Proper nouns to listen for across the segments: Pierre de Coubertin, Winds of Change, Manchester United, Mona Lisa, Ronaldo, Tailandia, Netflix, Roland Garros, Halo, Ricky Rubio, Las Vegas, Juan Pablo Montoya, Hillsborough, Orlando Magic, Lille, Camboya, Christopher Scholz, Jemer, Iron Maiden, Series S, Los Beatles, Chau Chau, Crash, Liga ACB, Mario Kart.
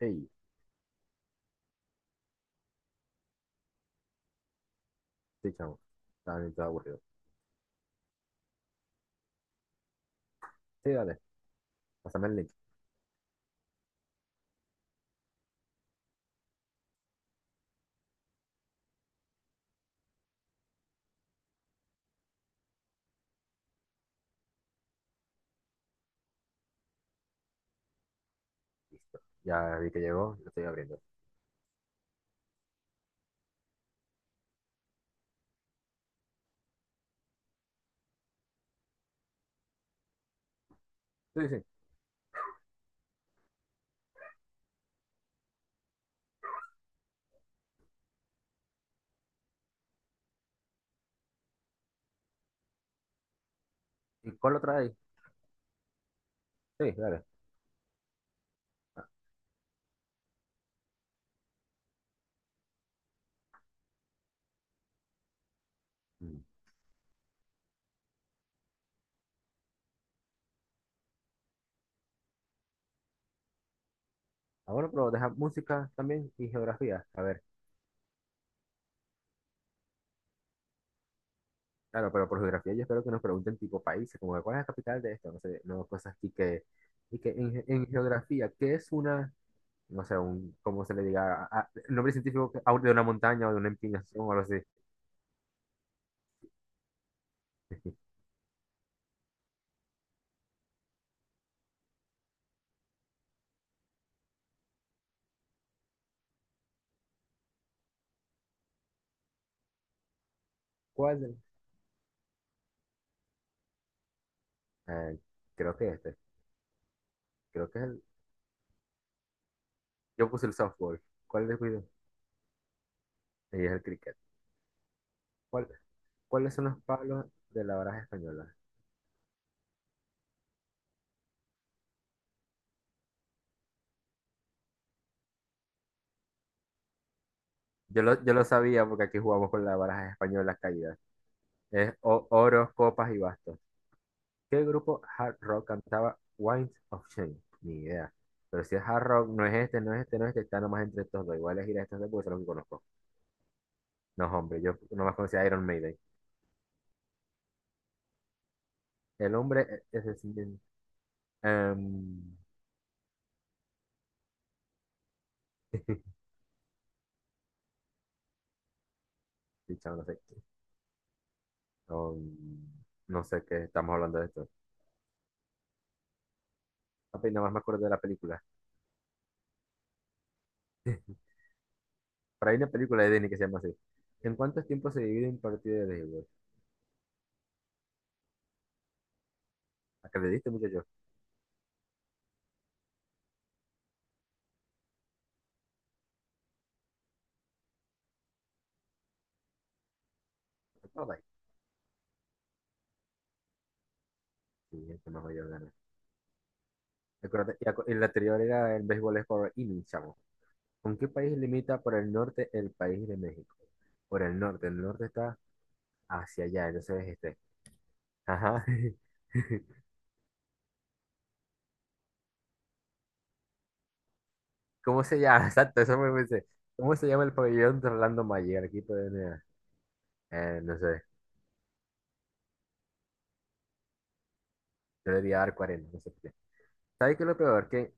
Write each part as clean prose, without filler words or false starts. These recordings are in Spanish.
Hey, sí, chamo. Estaba bien, todo aburrido. Sí, dale, pásame el link. Listo. Ya vi que llegó, lo estoy abriendo. Sí, sí. ¿Y cuál lo trae? Sí, dale. Mm. Ah, bueno, pero deja música también y geografía. A ver, claro, pero por geografía yo espero que nos pregunten tipo países, como de cuál es la capital de esto, no sé, no cosas así que. Y que en, en geografía, ¿qué es una, no sé, un, cómo se le diga, el nombre científico que- de una montaña o de una inclinación o algo así? ¿Cuál? Eh, Creo que este, creo que es el. Yo puse el softball. ¿Cuál es el? Sí, es el cricket. ¿Cuál- cuáles son los palos de la baraja española? Yo lo sabía porque aquí jugamos con la baraja española caída. Es oros, copas y bastos. ¿Qué grupo hard rock cantaba Winds of Change? Ni idea. Pero si es hard rock, no es este, no es este, no es este, está nomás entre estos dos. Igual es ir a estos dos porque son los que conozco. No, hombre, yo nomás conocía a Iron Maiden. El hombre es el em, sí, chamo, no sé. Um, no sé qué estamos hablando de esto. Apenas más me acuerdo de la película. Por ahí hay una película de Disney que se llama así. ¿En cuántos tiempos se divide un partido de béisbol? ¿A qué le diste, muchacho? ¿A todo ahí? Sí, el que más mayor gana. Acuérdate, y la anterior era el béisbol es por inning, chamo. ¿Con qué país limita por el norte el país de México? Por el norte. El norte está hacia allá, entonces este. Ajá. ¿Cómo se llama? Exacto, eso me pensé. ¿Cómo se llama el pabellón de Orlando Magic? Aquí pueden, no sé, yo le di a dar 40, no sé qué. ¿Sabes qué es lo peor? Que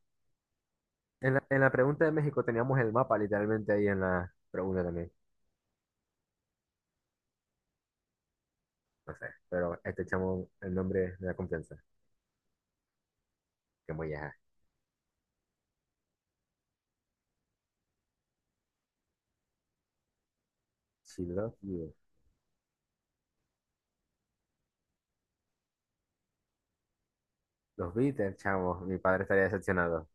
en la pregunta de México teníamos el mapa literalmente ahí en la pregunta también. No sé, pero este chamo, el nombre de la confianza. Que muy ajá. She love you. Los Beatles, chamo. Mi padre estaría decepcionado.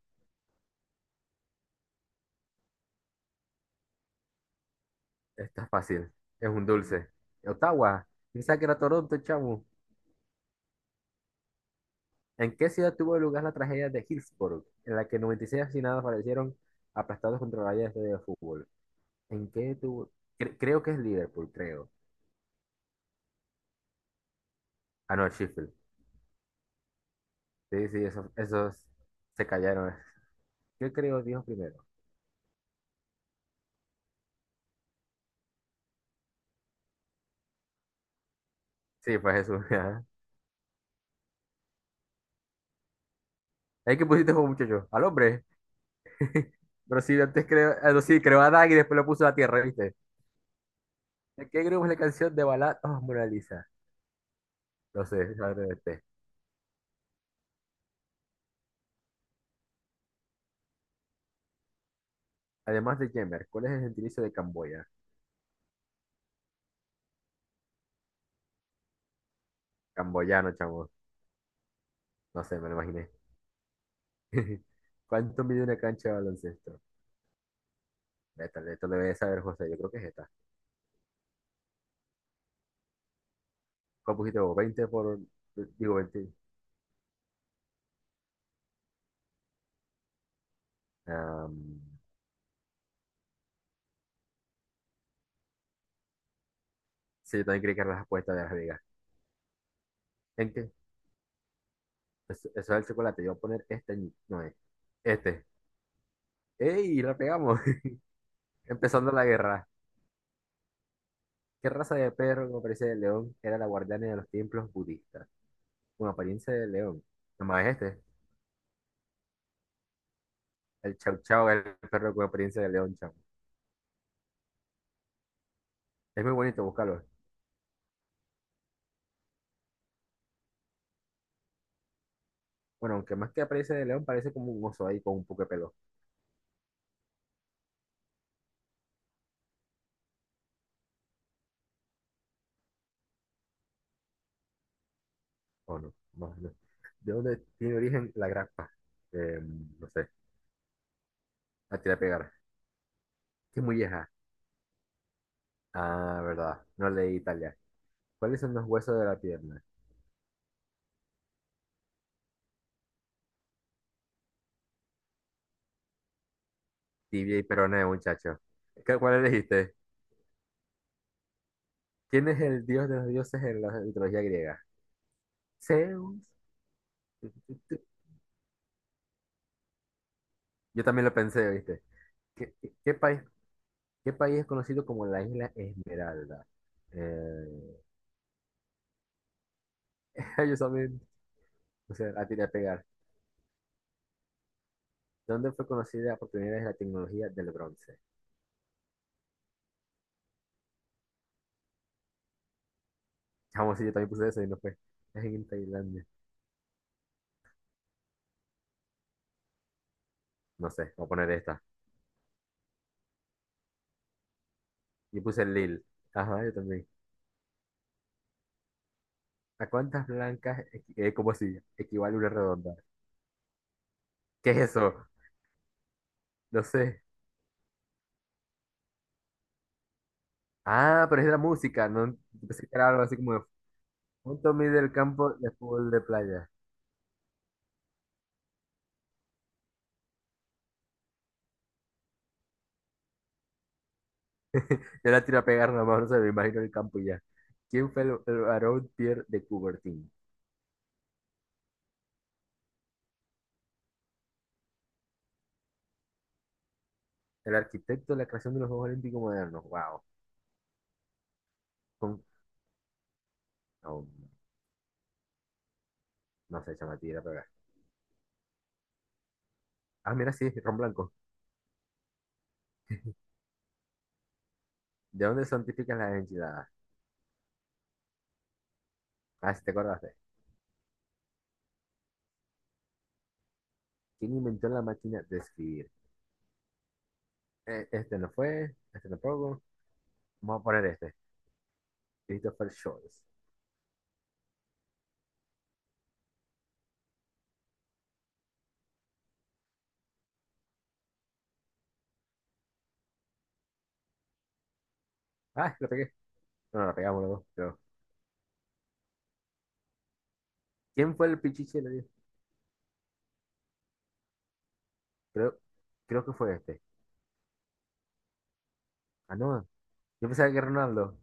Esto es fácil. Es un dulce. Ottawa. Pensaba que era Toronto, chamo. ¿En qué ciudad tuvo lugar la tragedia de Hillsborough, en la que 96 asesinados fallecieron aplastados contra vallas de fútbol? ¿En qué tuvo? Creo que es Liverpool, creo. Ah, no, Sheffield. Sí, sí, esos se callaron. ¿Qué creo Dios primero? Sí, fue Jesús. Ajá. Es que pusiste como muchacho, al hombre. Pero sí, antes creó, ah, no, sí, creó a Adán y después lo puso a la tierra, ¿viste? ¿De qué grupo es la canción de Balad oh, Mona Lisa? No sé, es la verdad este. Además de Jemer, ¿cuál es el gentilicio de Camboya? Camboyano, chavo. No sé, me lo imaginé. ¿Cuánto mide una cancha de baloncesto? Vete, esto lo debe saber José, yo creo que es esta. ¿Cuál pusiste vos? 20 por. Digo, 20. Ah, sí, yo también creí que era la respuesta de Las Vegas. ¿En qué? Eso es el chocolate. Yo voy a poner este. Añi- no, es este. ¡Ey! La pegamos. Empezando la guerra. ¿Qué raza de perro con apariencia de león era la guardiana de los templos budistas? Con apariencia de león. Nomás es este. El chau chau, el perro con apariencia de león, chamo. Es muy bonito, buscarlo. Bueno, aunque más que apariencia de león, parece como un oso ahí con un poco de pelo. ¿O no? No, no. ¿De dónde tiene origen la grapa? Eh, no sé. A tirar a pegar. ¿Qué molleja? Ah, verdad. No leí Italia. ¿Cuáles son los huesos de la pierna? Tibia y peroné, muchacho. ¿Cuál elegiste? ¿Quién es el dios de los dioses en la mitología griega? Zeus. Yo también lo pensé, ¿viste? ¿Qué, qué- qué país, qué país es conocido como la isla Esmeralda? Eh, yo también, o sea, la tiré a pegar. ¿Dónde fue conocida por primera vez la tecnología del bronce? Chamo, sí, yo también puse eso y no fue. Es en Tailandia. No sé, voy a poner esta. Yo puse Lille. Ajá, yo también. ¿A cuántas blancas, como si, equivale una redonda? ¿Qué es eso? No sé. Ah, pero es de la música, no pensé que era algo así como de. Un Tommy del campo de fútbol de playa. Yo la tiro a pegar nada más, no se me imagino el campo y ya. ¿Quién fue el barón Pierre de Coubertin? El arquitecto de la creación de los Juegos Olímpicos modernos. Wow. Con- no, no sé, chama, tira a pegar. Ah, mira, sí, ron blanco. ¿De dónde son típicas las enchiladas? Ah, si te acordaste. ¿Quién inventó la máquina de escribir? Este no fue, este tampoco. Vamos a poner este. Christopher Scholz. Ah, lo pegué. No, no, la pegamos los dos, creo. ¿Quién fue el pichiche? Creo, creo que fue este. Ah, no. Yo pensaba que Ronaldo.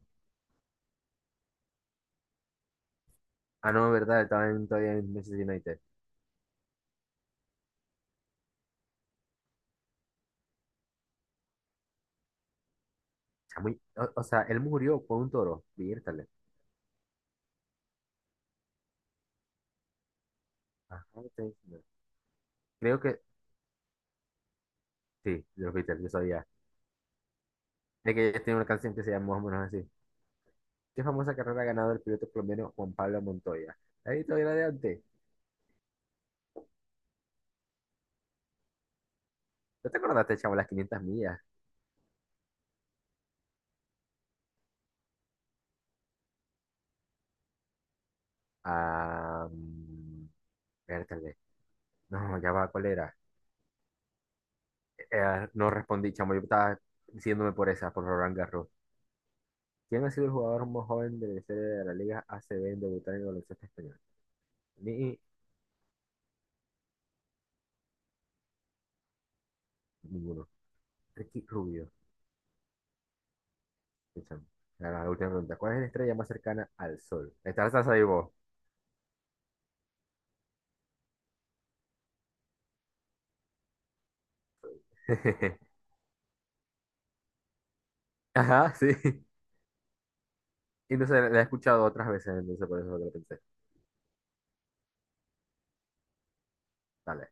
Ah, no, es verdad, estaba todavía en Manchester United. O sea, él murió por un toro. Viértale. Ajá, sí, sí. Creo que sí, los Beatles, yo sabía. Es que ellos tienen una canción que se llama más o menos así. ¿Qué famosa carrera ha ganado el piloto colombiano Juan Pablo Montoya? Ahí todavía la de antes. ¿No te acordaste, chavo, las 500 millas? Ah, mm, viértale. No, ya va, ¿cuál era? Ah, no respondí, chamo, yo estaba diciéndome por esa, por Roland Garros. ¿Quién ha sido el jugador más joven de la historia de la Liga ACB en debutar en el baloncesto español? Ni ninguno. Ricky Rubio. Escúchame. Ahora, la última pregunta. ¿Cuál es la estrella más cercana al Sol? Está la salsa de vos. Ajá, sí. Y no sé, la he escuchado otras veces, entonces por eso lo pensé. Dale.